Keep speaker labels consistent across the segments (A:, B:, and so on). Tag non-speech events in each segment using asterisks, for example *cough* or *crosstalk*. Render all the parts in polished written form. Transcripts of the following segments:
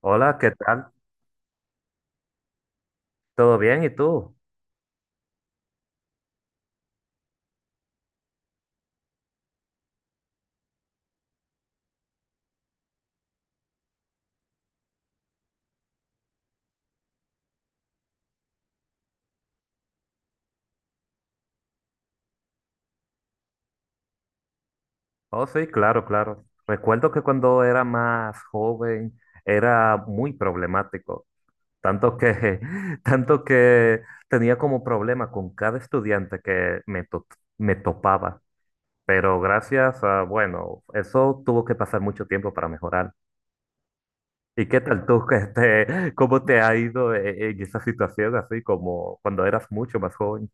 A: Hola, ¿qué tal? ¿Todo bien? ¿Y tú? Oh, sí, claro, claro. Recuerdo que cuando era más joven era muy problemático, tanto que, *laughs* tanto que tenía como problema con cada estudiante que me topaba. Pero gracias a, bueno, eso tuvo que pasar mucho tiempo para mejorar. ¿Y qué tal tú? *laughs* Cómo te ha ido en esa situación así como cuando eras mucho más joven?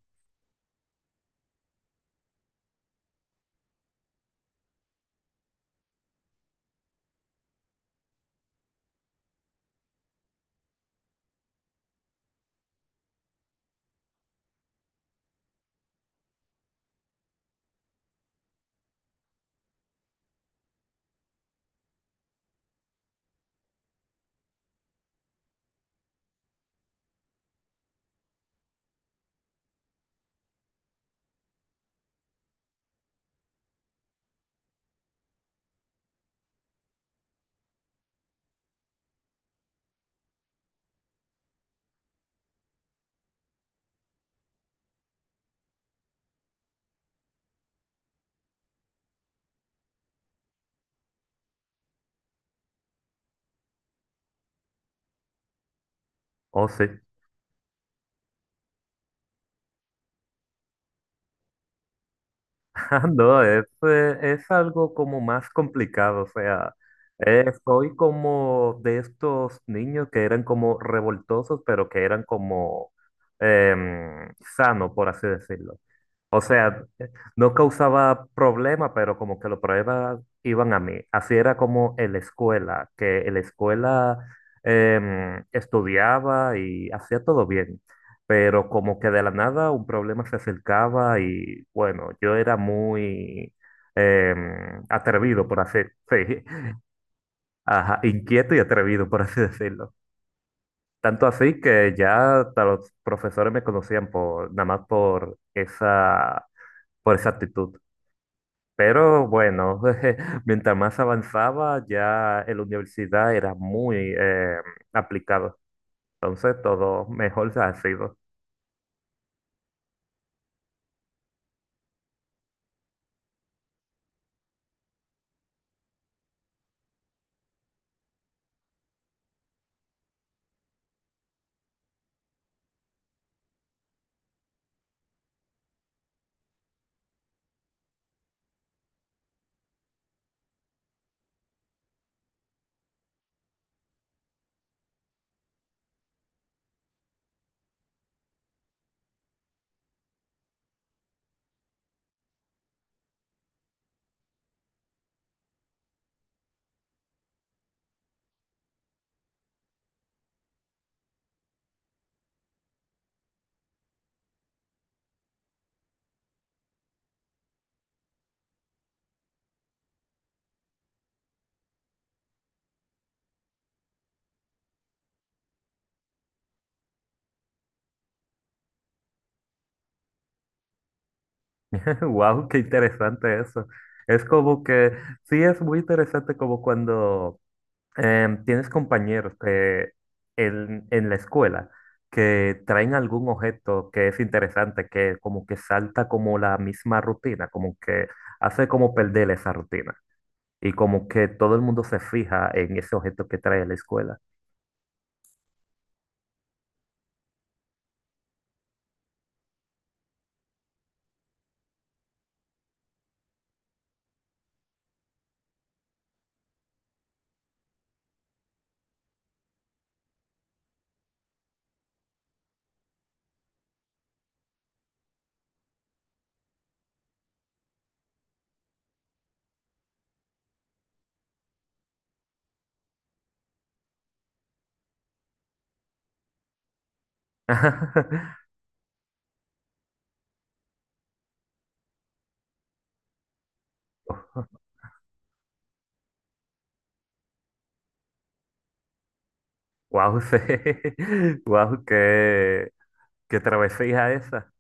A: Oh, sí. *laughs* Ah, no, es algo como más complicado, o sea, soy como de estos niños que eran como revoltosos, pero que eran como em, sano, por así decirlo. O sea, no causaba problema, pero como que los problemas iban a mí. Así era como en la escuela, que en la escuela estudiaba y hacía todo bien, pero como que de la nada un problema se acercaba y bueno, yo era muy atrevido, por así, *laughs* sí, ajá, inquieto y atrevido, por así decirlo. Tanto así que ya hasta los profesores me conocían por, nada más por esa actitud. Pero bueno, *laughs* mientras más avanzaba, ya en la universidad era muy aplicado. Entonces todo mejor se ha sido. *laughs* Wow, qué interesante eso. Es como que sí es muy interesante como cuando tienes compañeros que en la escuela que traen algún objeto que es interesante, que como que salta como la misma rutina, como que hace como perder esa rutina. Y como que todo el mundo se fija en ese objeto que trae a la escuela. *laughs* Wow, sí. *laughs* Wow, qué, qué travesía esa.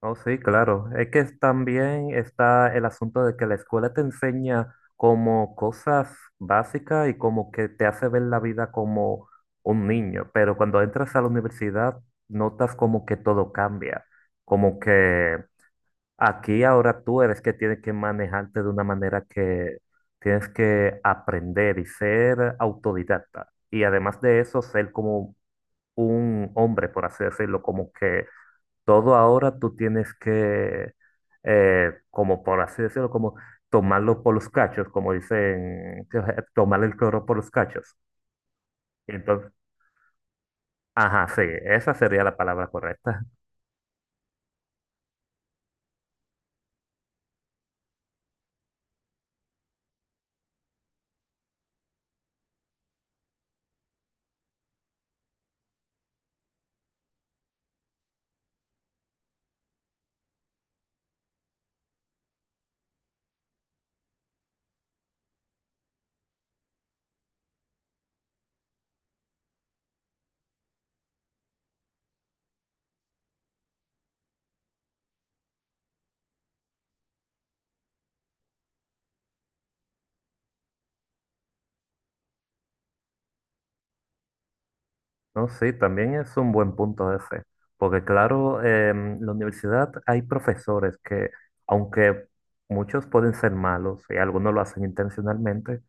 A: Oh, sí, claro. Es que también está el asunto de que la escuela te enseña como cosas básicas y como que te hace ver la vida como un niño. Pero cuando entras a la universidad, notas como que todo cambia. Como que aquí ahora tú eres que tienes que manejarte de una manera que tienes que aprender y ser autodidacta. Y además de eso, ser como un hombre, por así decirlo, como que todo ahora tú tienes que, como por así decirlo, como tomarlo por los cachos, como dicen, *laughs* tomar el toro por los cachos. Entonces, ajá, sí, esa sería la palabra correcta. No, sí, también es un buen punto ese, porque claro, en la universidad hay profesores que, aunque muchos pueden ser malos y algunos lo hacen intencionalmente,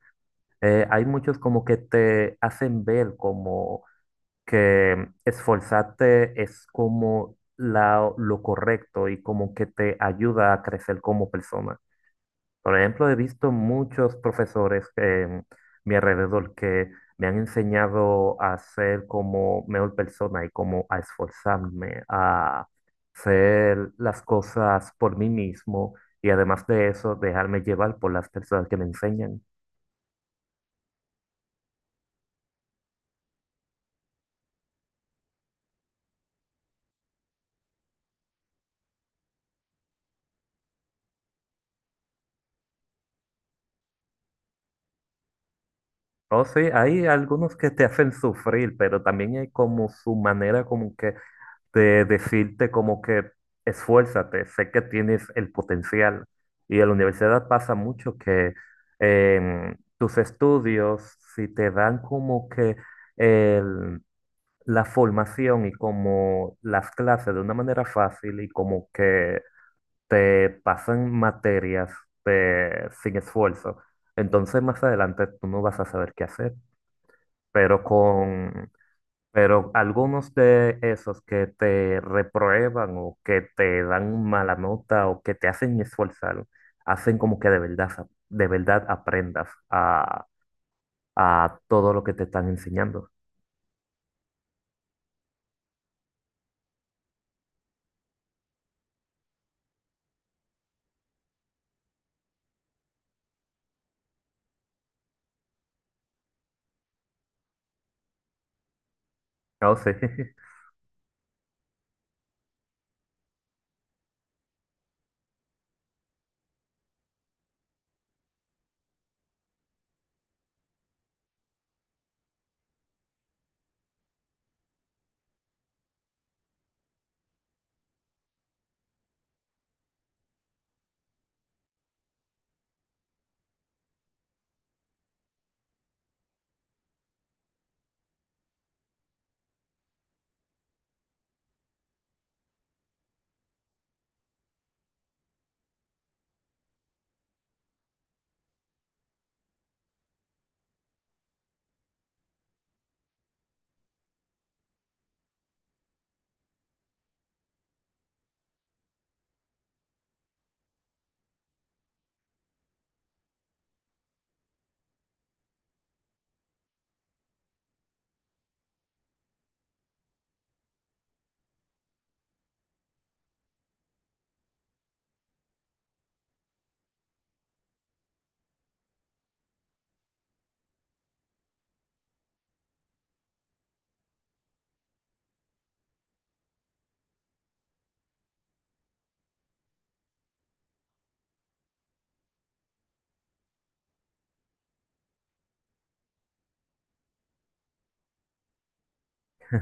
A: hay muchos como que te hacen ver como que esforzarte es como lo correcto y como que te ayuda a crecer como persona. Por ejemplo, he visto muchos profesores en mi alrededor que me han enseñado a ser como mejor persona y como a esforzarme, a hacer las cosas por mí mismo y además de eso, dejarme llevar por las personas que me enseñan. Oh, sí, hay algunos que te hacen sufrir, pero también hay como su manera como que de decirte como que esfuérzate, sé que tienes el potencial. Y en la universidad pasa mucho que tus estudios, si te dan como que el- la formación y como las clases de una manera fácil y como que te pasan materias sin esfuerzo, entonces más adelante tú no vas a saber qué hacer. Pero con pero algunos de esos que te reprueban o que te dan mala nota o que te hacen esforzar, hacen como que de verdad, de verdad aprendas a todo lo que te están enseñando. Oh, sí. *laughs*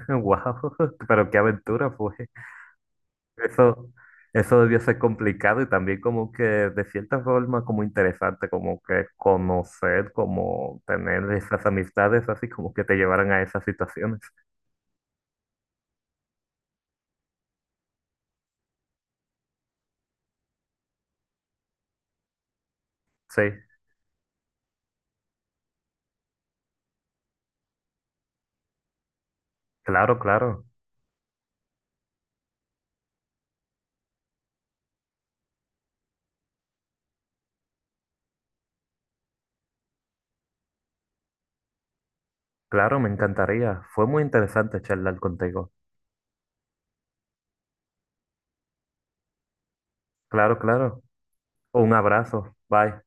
A: Wow, *laughs* pero qué aventura fue. Eso, eso debió ser complicado y también como que de cierta forma como interesante, como que conocer, como tener esas amistades así como que te llevaran a esas situaciones. Sí, claro, claro. Claro, me encantaría. Fue muy interesante charlar contigo. Claro, claro. Un abrazo. Bye.